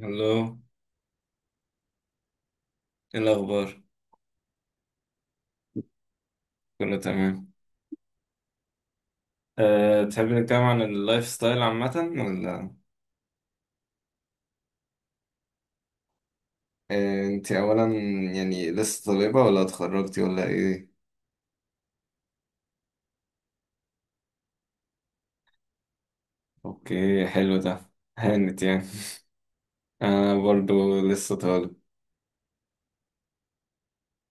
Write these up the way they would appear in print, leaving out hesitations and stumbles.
هلو. ايه الاخبار؟ كله تمام. أه، تحب نتكلم عن اللايف ستايل عامه ولا؟ أه، انت اولا، لسه طالبه ولا اتخرجتي ولا ايه؟ اوكي، حلو ده، هانت. انا برضو لسه طالب.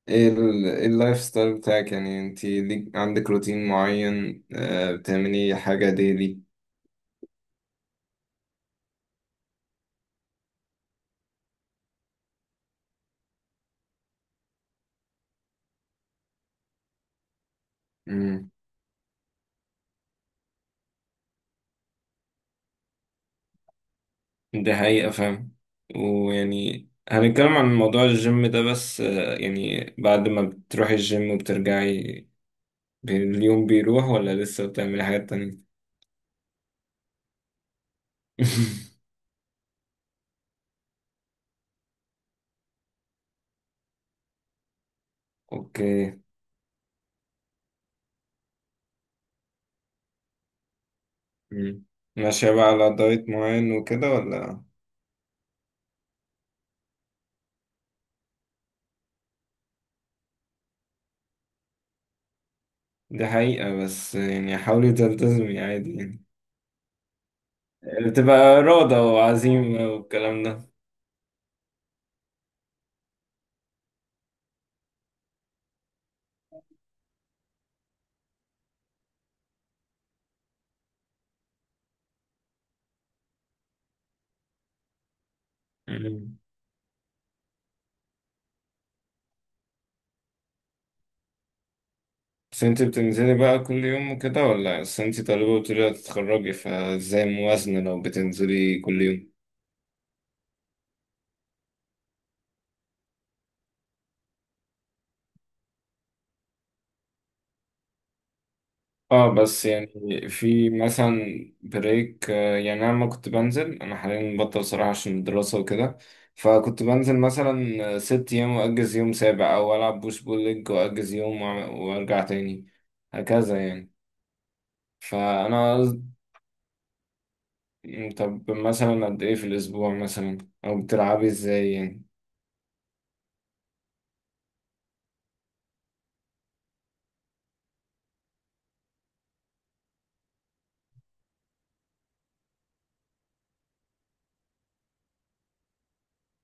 ايه إيه اللايف ستايل بتاعك؟ يعني انت ليك عندك روتين معين؟ أه، بتعملي حاجه ديلي؟ امم ده حقيقه، فاهم. ويعني هنتكلم عن موضوع الجيم ده، بس يعني بعد ما بتروحي الجيم وبترجعي، اليوم بيروح ولا لسه بتعملي حاجات تانية؟ اوكي. مم. ماشية بقى على دايت معين وكده ولا؟ دي حقيقة، بس يعني حاولي تلتزمي عادي. يعني بتبقى إرادة وعزيمة والكلام ده. مم. بس انتي بتنزلي بقى كل يوم وكده ولا؟ بس انتي طالبة وتريدي تتخرجي، فازاي موازنة لو بتنزلي كل يوم؟ اه، بس يعني في مثلا بريك. يعني انا لما كنت بنزل، انا حاليا مبطل صراحة عشان الدراسة وكده. فكنت بنزل مثلا ست ايام واجز يوم سابع، او العب بوش بول ليج واجز يوم وارجع تاني، هكذا يعني. فانا قصد- طب مثلا قد ايه في الاسبوع مثلا، او بتلعبي ازاي يعني؟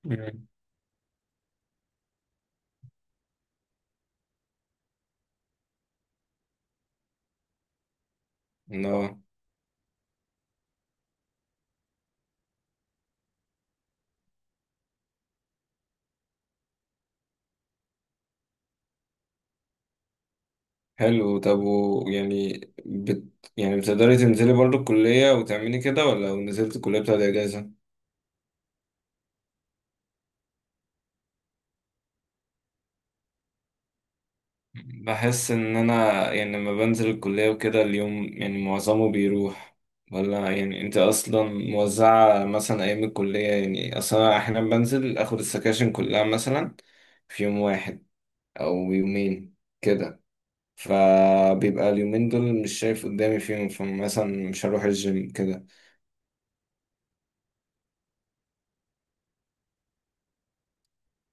مم. لا، حلو. طب بت... يعني بتقدري تنزلي برضو الكلية وتعملي كده، ولا لو نزلت الكلية بتاعت اجازة؟ بحس ان انا يعني لما بنزل الكلية وكده، اليوم يعني معظمه بيروح. ولا يعني انت اصلا موزعة مثلا ايام الكلية؟ يعني اصلا أنا احيانا بنزل اخد السكاشن كلها مثلا في يوم واحد او يومين كده. فبيبقى اليومين دول مش شايف قدامي فيهم، فمثلا مش هروح الجيم كده.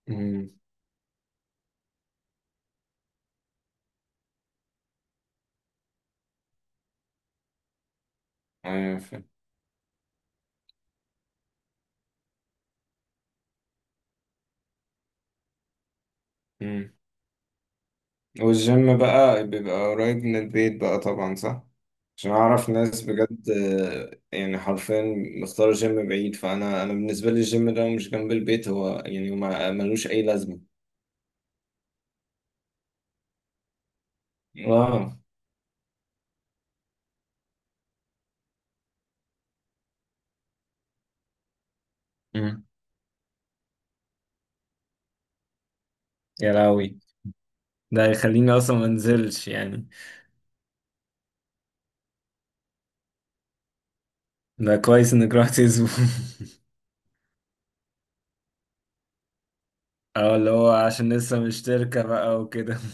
امم. ايوه، فاهم. والجيم بقى بيبقى قريب من البيت بقى طبعا، صح؟ عشان أعرف ناس بجد، يعني حرفيا مختار جيم بعيد. فأنا بالنسبة لي الجيم ده مش جنب البيت، هو يعني ما ملوش أي لازمة. واو. مم. يا لهوي، ده يخليني اصلا ما انزلش يعني. ده كويس انك رحت اسبوع. اه، اللي هو عشان لسه مشتركة بقى وكده.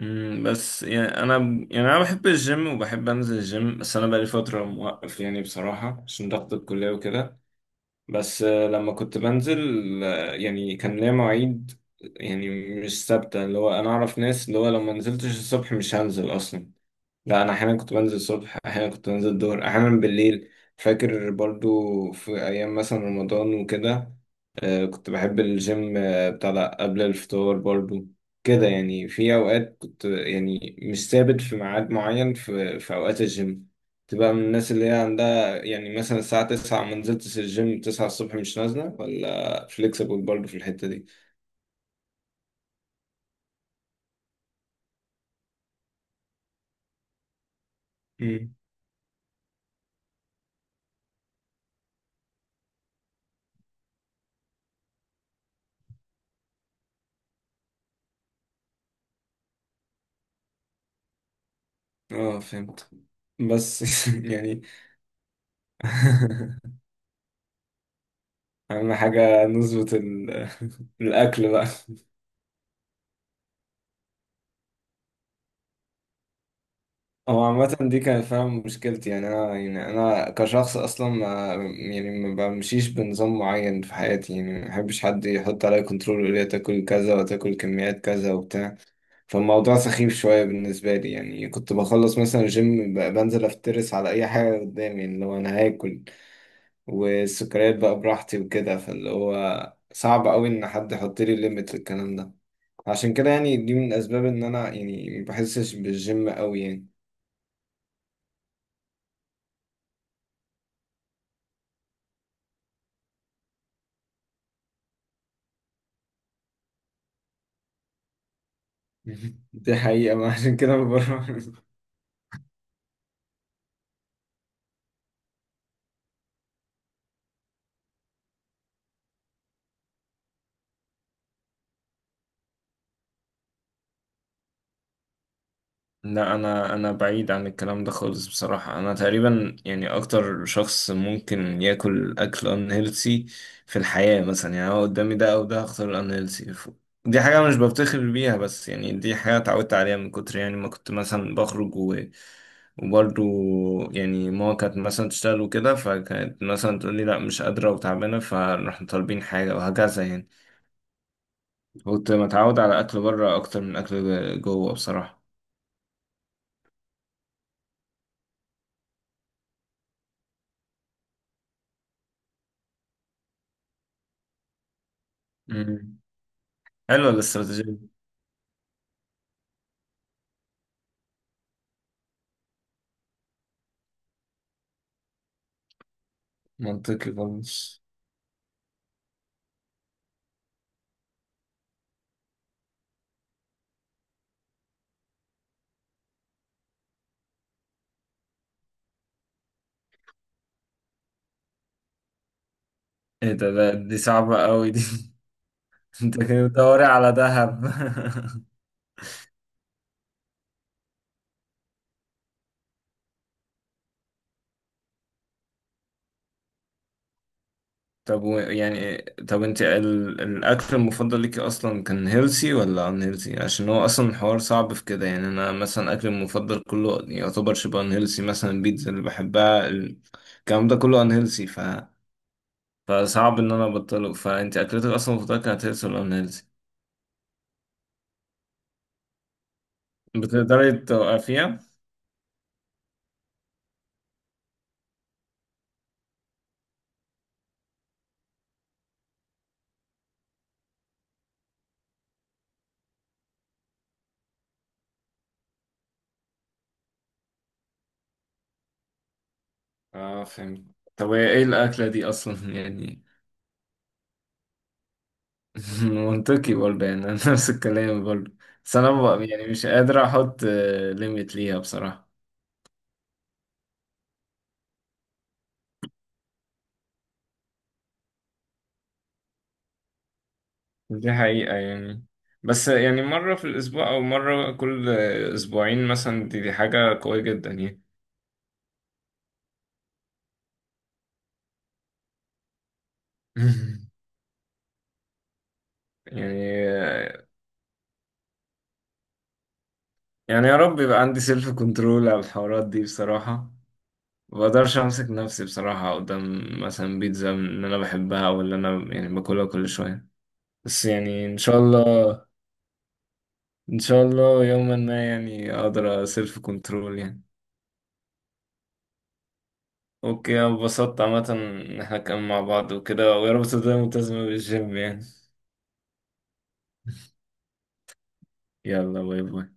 مم، بس انا بحب الجيم وبحب انزل الجيم، بس انا بقالي فترة موقف يعني بصراحة عشان ضغط الكلية وكده. بس لما كنت بنزل، يعني كان ليا مواعيد يعني مش ثابتة. اللي هو أنا أعرف ناس اللي هو لو ما نزلتش الصبح مش هنزل أصلا. لا، انا احيانا كنت بنزل الصبح، احيانا كنت بنزل الظهر، احيانا بالليل. فاكر برضو في ايام مثلا رمضان وكده، آه، كنت بحب الجيم بتاع ده قبل الفطار برضو. كده يعني في اوقات كنت يعني مش ثابت في ميعاد معين في اوقات الجيم. تبقى من الناس اللي هي عندها يعني مثلا الساعة 9، ما نزلتش الجيم 9 الصبح مش نازلة، ولا فليكسبل برضو في الحتة دي. امم. اه، فهمت. بس يعني اهم حاجه نظبط الاكل بقى. هو عامه دي كانت فعلا مشكلتي. يعني انا يعني انا كشخص اصلا ما بمشيش بنظام معين في حياتي. يعني ما بحبش حد يحط عليا كنترول ويقول لي تاكل كذا وتاكل كميات كذا وبتاع. فالموضوع سخيف شويه بالنسبه لي. يعني كنت بخلص مثلا الجيم، بنزل افترس على اي حاجه قدامي. يعني اللي هو انا هاكل والسكريات بقى براحتي وكده. فاللي هو صعب قوي ان حد يحط لي ليميت للكلام ده. عشان كده يعني دي من الأسباب إن أنا يعني ما بحسش بالجيم أوي يعني. دي حقيقة، ما عشان كده ما بروح. لا، انا بعيد عن الكلام ده خالص بصراحه. انا تقريبا يعني اكتر شخص ممكن ياكل اكل unhealthy في الحياه. مثلا يعني هو قدامي ده او ده، هختار الانهيلثي. دي حاجه مش بفتخر بيها، بس يعني دي حاجه اتعودت عليها من كتر يعني ما كنت مثلا وبرضو يعني ماما كانت مثلا تشتغل وكده، فكانت مثلا تقول لي لا مش قادره وتعبانه، فنروح طالبين حاجه وهكذا يعني. كنت متعود على اكل بره اكتر من اكل جوه بصراحه. مم. حلوه الاستراتيجيه. منطقي خالص. ايه ده؟ دي صعبة قوي دي. انت كده بتدوري على دهب. طب، و يعني طب انت الاكل المفضل ليكي اصلا كان هيلسي ولا ان هيلسي؟ عشان هو اصلا الحوار صعب في كده. يعني انا مثلا اكلي المفضل كله يعتبر شبه ان هيلسي. مثلا البيتزا اللي بحبها، الكلام ده كله ان هيلسي. فصعب ان انا ابطله. فانت اكلتك اصلا المفضلة كانت هيلسي ولا ان هيلسي؟ بتقدري توقفيها؟ اه، فهمت. طب هي ايه الاكلة دي اصلا؟ يعني منطقي برضه. يعني أنا نفس الكلام برضه. بس أنا بقى يعني مش قادر أحط ليميت ليها بصراحة. دي حقيقة يعني. بس يعني مرة في الأسبوع أو مرة كل أسبوعين مثلا، دي حاجة قوية جدا يعني. يعني يا رب يبقى عندي سيلف كنترول على الحوارات دي بصراحة. ما بقدرش أمسك نفسي بصراحة قدام مثلا بيتزا إن أنا بحبها، أو اللي أنا يعني باكلها كل شوية. بس يعني إن شاء الله. ان شاء الله يوما ما يعني اقدر سيلف كنترول يعني. اوكي، انا اتبسطت عامه ان احنا كنا مع بعض وكده، ويا رب تفضل ملتزمة بالجيم يعني. يلا، باي باي.